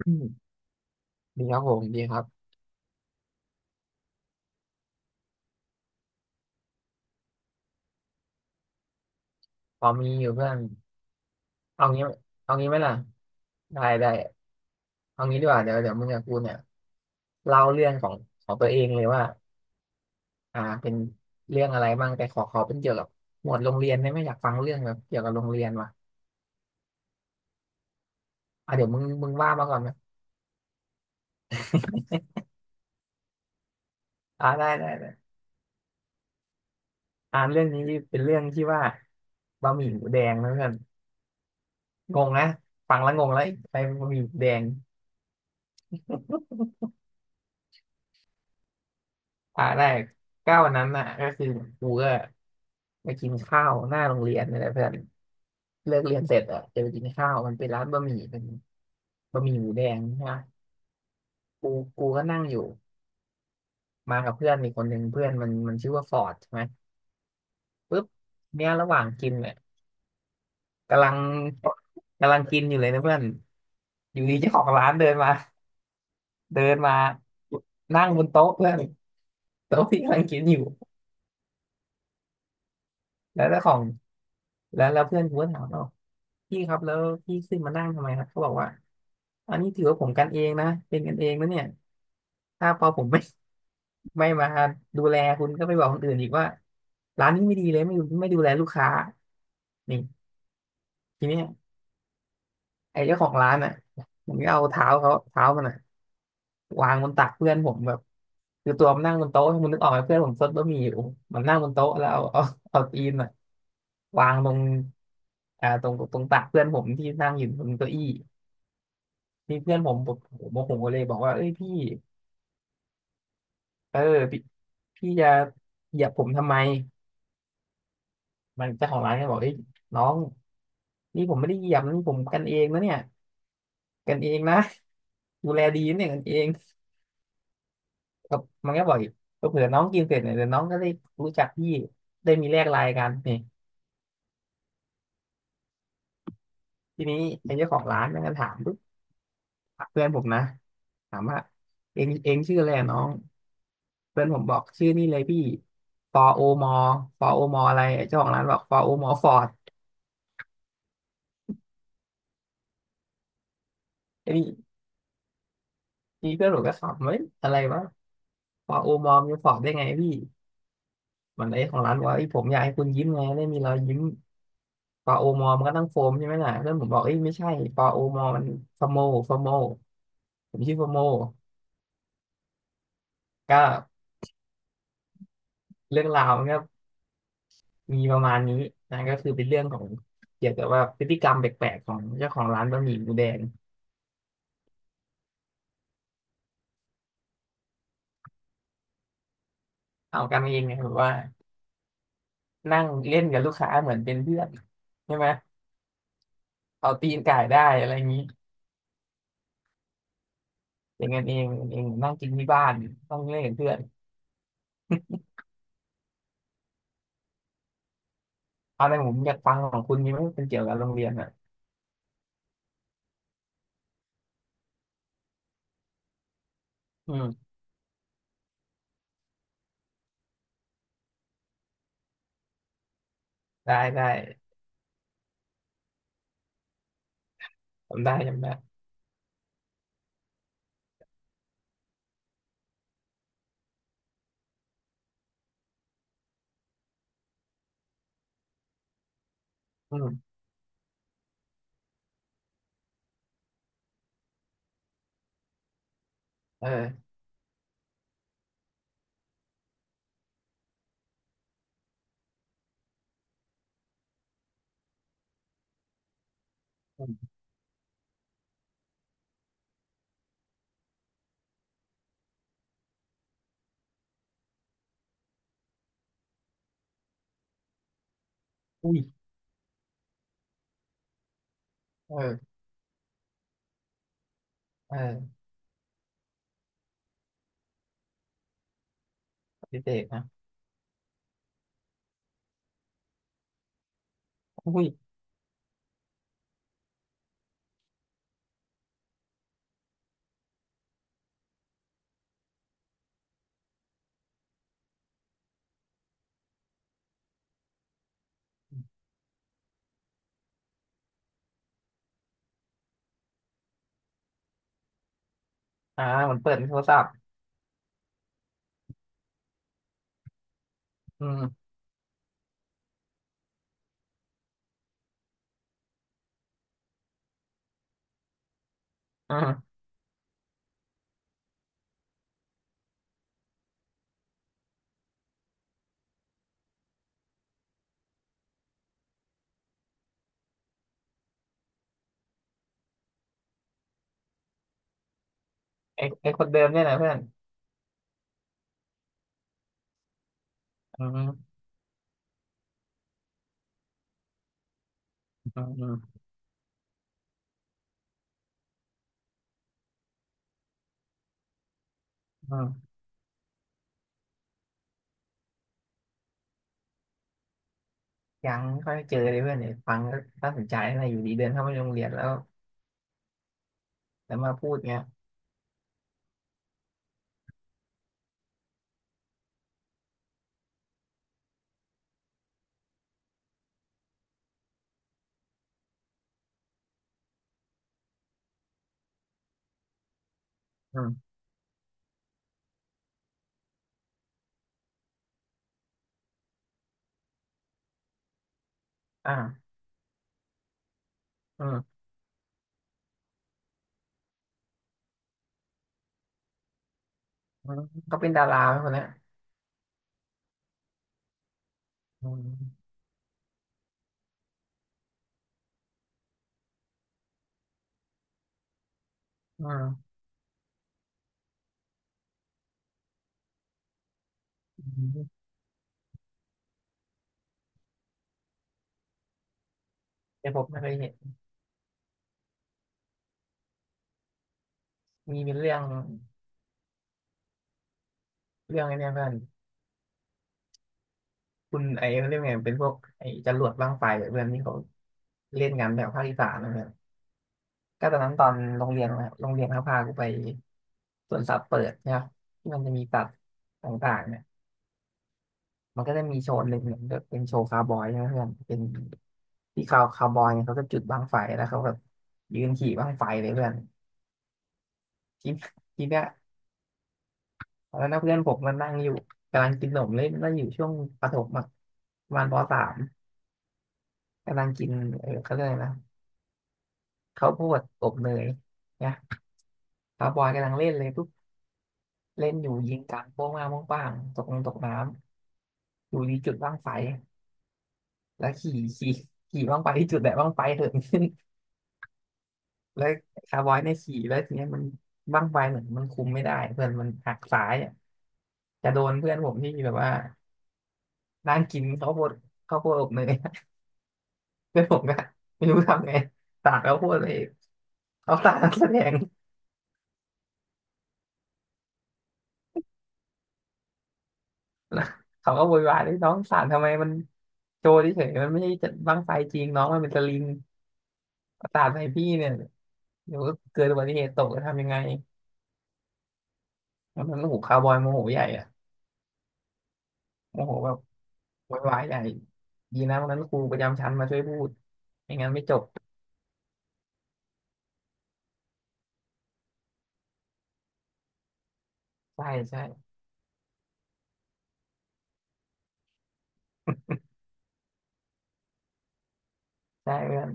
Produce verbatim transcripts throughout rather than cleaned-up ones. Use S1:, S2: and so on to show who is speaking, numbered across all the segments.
S1: อืมดีครับผมดีครับพอมีอยู่เพื่อนเอางี้เอางี้ไหมล่ะได้ได้เอางี้ดีกว่าเดี๋ยวเดี๋ยวมึงกับกูเนี่ยเล่าเรื่องของของตัวเองเลยว่าอ่าเป็นเรื่องอะไรบ้างแต่ขอขอเป็นเกี่ยวกับหมวดโรงเรียนได้ไหมอยากฟังเรื่องแบบเกี่ยวกับโรงเรียนว่ะอ่ะเดี๋ยวมึงมึงว่ามาก่อนไหมอ่าได้ได้ได้อ่าเรื่องนี้เป็นเรื่องที่ว่าบะหมี่หมูแดงนะเพื่อนงงนะฟังแล้วงงแล้วใครบะหมี่หมูแดงอ่าได้ก้าววันนั้นน่ะก็คือกูก็ ไปกินข้าวหน้าโรงเรียนนี่แหละเพื่อนเลิกเรียนเสร็จอ่ะจะไปกินข้าวมันเป็นร้านบะหมี่เป็นบะหมี่หมูแดงใช่ไหมกูกูก็นั่งอยู่มากับเพื่อนอีกคนหนึ่งเพื่อนมันมันชื่อว่าฟอร์ดใช่ไหมปุ๊บเนี่ยระหว่างกินเนี่ยกำลังกำลังกินอยู่เลยนะเพื่อนอยู่ดีเจ้าของร้านเดินมาเดินมานั่งบนโต๊ะเพื่อนโต๊ะที่กำลังกินอยู่แล้วเจ้าของแล้วแล้วเพื่อนกูก็ถามว่าพี่ครับแล้วพี่ขึ้นมานั่งทำไมครับเขาบอกว่าอันนี้ถือว่าผมกันเองนะเป็นกันเองนะเนี่ย ถ้าพอผมไม่ ไม่มาดูแลคุณก็ไปบอกคนอื่นอีกว่าร้านนี้ไม่ดีเลยไม่ไม่ดูแลลูกค้านี่ทีเนี้ยไอ้เจ้าของร้านอ่ะมันก็เอาเท้าเขาเท้ามันอ่ะวางบนตักเพื่อนผมแบบคือตัวมันนั่งบนโต๊ะมันนึกออกไหมเพื่อนผมซดบะหมี่อยู่มันนั่งบนโต๊ะแล้วเอาเอาเอาตีนอ่ะวางตรงอ่าตรงตรงตักเพื่อนผมที่นั่งอยู่บนเก้าอี้นี่เพื่อนผมผมผมโมโหเลยบอกว่าเอ้ยพี่เออพี่พี่จะเหยียบผมทำไมมันเจ้าของร้านก็บอกเอ้ยน้อง นี่ผมไม่ได้เหยียบนะนี่ผมกันเองนะเนี่ยกันเองนะดูแลดีนะเนี่ยกันเองกับมันก็บออยกเผื่อน้องกินเสร็จเนี่ยเดี๋ยวน้องก็ได้รู้จักพี่ได้มีแลกไลน์กันนี่ทีนี้เป็นเจ้าของร้านมันก็ถามปุ๊บเพื่อนผมนะถามว่าเองเองชื่ออะไรอะน้องเพื่อนผมบอกชื่อนี่เลยพี่ฟอโอมอฟอโอมออะไรไอ้เจ้าของร้านบอกฟอโอมอฟอร์ดไอ้นี่นี่เพื่อนผมก็ขำเฮ้ยอะไรวะฟอโอมอมีฟอร์ดได้ไงพี่มันไอ้ของร้านบอกว่าไอ้ยผมอยากให้คุณยิ้มไงได้มีรอยยิ้ม ปลาโอมอมันก็ต้องโฟมใช่ไหมล่ะเพื่อนผมบอกเอ้ยไม่ใช่ปลาโอมอมันฟโมฟโมผมชื่อฟโมก็เรื่องราวมันก็มีประมาณนี้นะก็คือเป็นเรื่องของเกี่ยวกับว่าพฤติกรรมแปลกๆของเจ้าของร้านบะหมี่หมูแดงเอากันเองไงแบบว่านั่งเล่นกับลูกค้าเหมือนเป็นเพื่อนใช่ไหมเอาตีนก่ายได้อะไรอย่างนี้เป็นกันเองเป็นกันเองนั่งกินที่บ้านต้องเล่นกับเพื่อนเอาในผมอยากฟังของคุณมีไหมเป็นเกี่ยวกับโรงเรียนอ่ะอืมได้ได้จำได้จำได้อืมเอออุ้ย เออเออปฏิเสธนะอุ้ยอ่าเหมือนเปิดในโทรศัพท์อืมอืมไอไอคนเดิมเนี่ยนะเพื่อนอืมอืมอืมอืมยังไม่ค่อยเจอเลยเพื่อนเนี่ยฟังก็น่าสนใจนะอยู่ดีเดินเข้ามาในโรงเรียนแล้วแล้วมาพูดเงี้ยอืมอ่าอืมอืมก็เป็นดาราไหมคนเนี้ยอืมอืมอืมแต่ผมไม่เคยเห็นมีเป็นเรื่องเรื่องไอ้เนี่ยเพื่อนคุณไอ้เขาเรียกไงเป็นพวกไอ้จรวดบั้งไฟอะเพื่อนที่เขาเล่นกันแบบภาคอีสานนะ ก็ตอนนั้นตอนโรงเรียนนะครับโรงเรียนเขาพากูไปสวนสัตว์เปิดนะครับที่มันจะมีสัตว์ต่างๆเนี่ยมันก็จะมีโชว์หนึ่งเนี่ยก็เป็นโชว์คาวบอยนะเพื่อนเป็นที่คาวคาวบอยเนี่ยเขาก็จุดบั้งไฟแล้วเขาแบบยืนขี่บั้งไฟเลยเพื่อนทีทีเนี้ยตอนนั้นนะเพื่อนผมมันนั่งอยู่กำลังกินขนมเล่นนั่งอยู่ช่วงประถมอะประมาณปสามกำลังกินเออเขาเรียกอะไรนะข้าวโพดอบเนยเนี่ยคาวบอยกำลังเล่นเลยปุ๊บเล่นอยู่ยิงกลางโป้งมาโป้งป้างตกลงตกน้ำ อยู่ที่จุดบั้งไฟแล้วขี่ขี่ขี่บั้งไฟที่จุดแบบบั้งไฟเถิดขึ้น แล้วคาร์บอยเนี่ยขี่แล้วทีเนี้ยมันบั้งไฟเหมือนมันคุมไม่ได้เพื่อนมันหักซ้ายอะจะโดนเพื่อนผมที่แบบว่านั่งกินข้าวโพดข้าวโพดอบเนย เพื่อนผมก็ไม่รู้ทำไงสาดข้าวโพดเลยเขาสาดนักแสดงแล้ว เขาก็โวยวายเลยน้องสาดทำไมมันโจรเฉยๆมันไม่ใช่จะบั้งไฟจริงน้องมันเป็นสลิงสาดใส่พี่เนี่ยเดี๋ยวเกิดอุบัติเหตุตกจะทำยังไงแล้วมันโอ้โหคาร์บอยโมโหใหญ่อะโมโหแบบ ไวุนวายใหญ่ดีนะวันนั้นครูประจำชั้นมาช่วยพูดไม่งั้นไม่จบใช่ใช่ใช่เพื่อน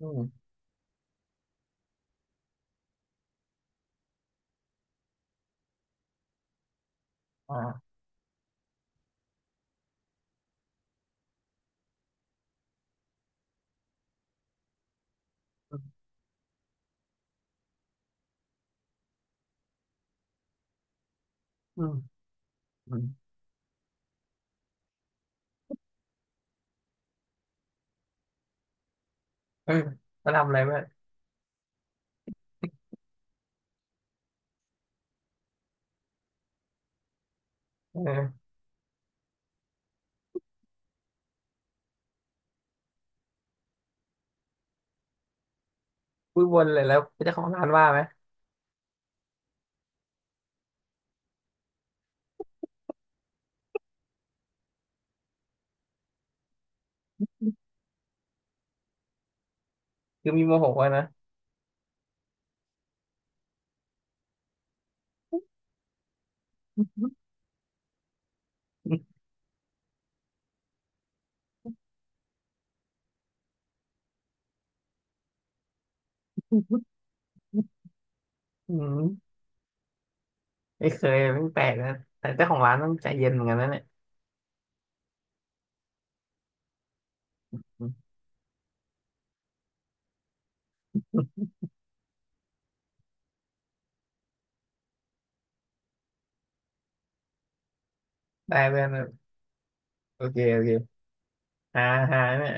S1: อืมอ่าอืมอืมเออาทำอะไรเพื่อนเออพูดวนเลยแล้วเจ้าของร้านว่าไหมคือมีโมโหอะนะ อืมไม่เคยไม่แปลกนะแต่เจ้าของร้านต้องใจเย็นเหมือนกันนะเนี่ยอืมได้เพื่อนโอเคโอเคฮ่าฮาเนี่ย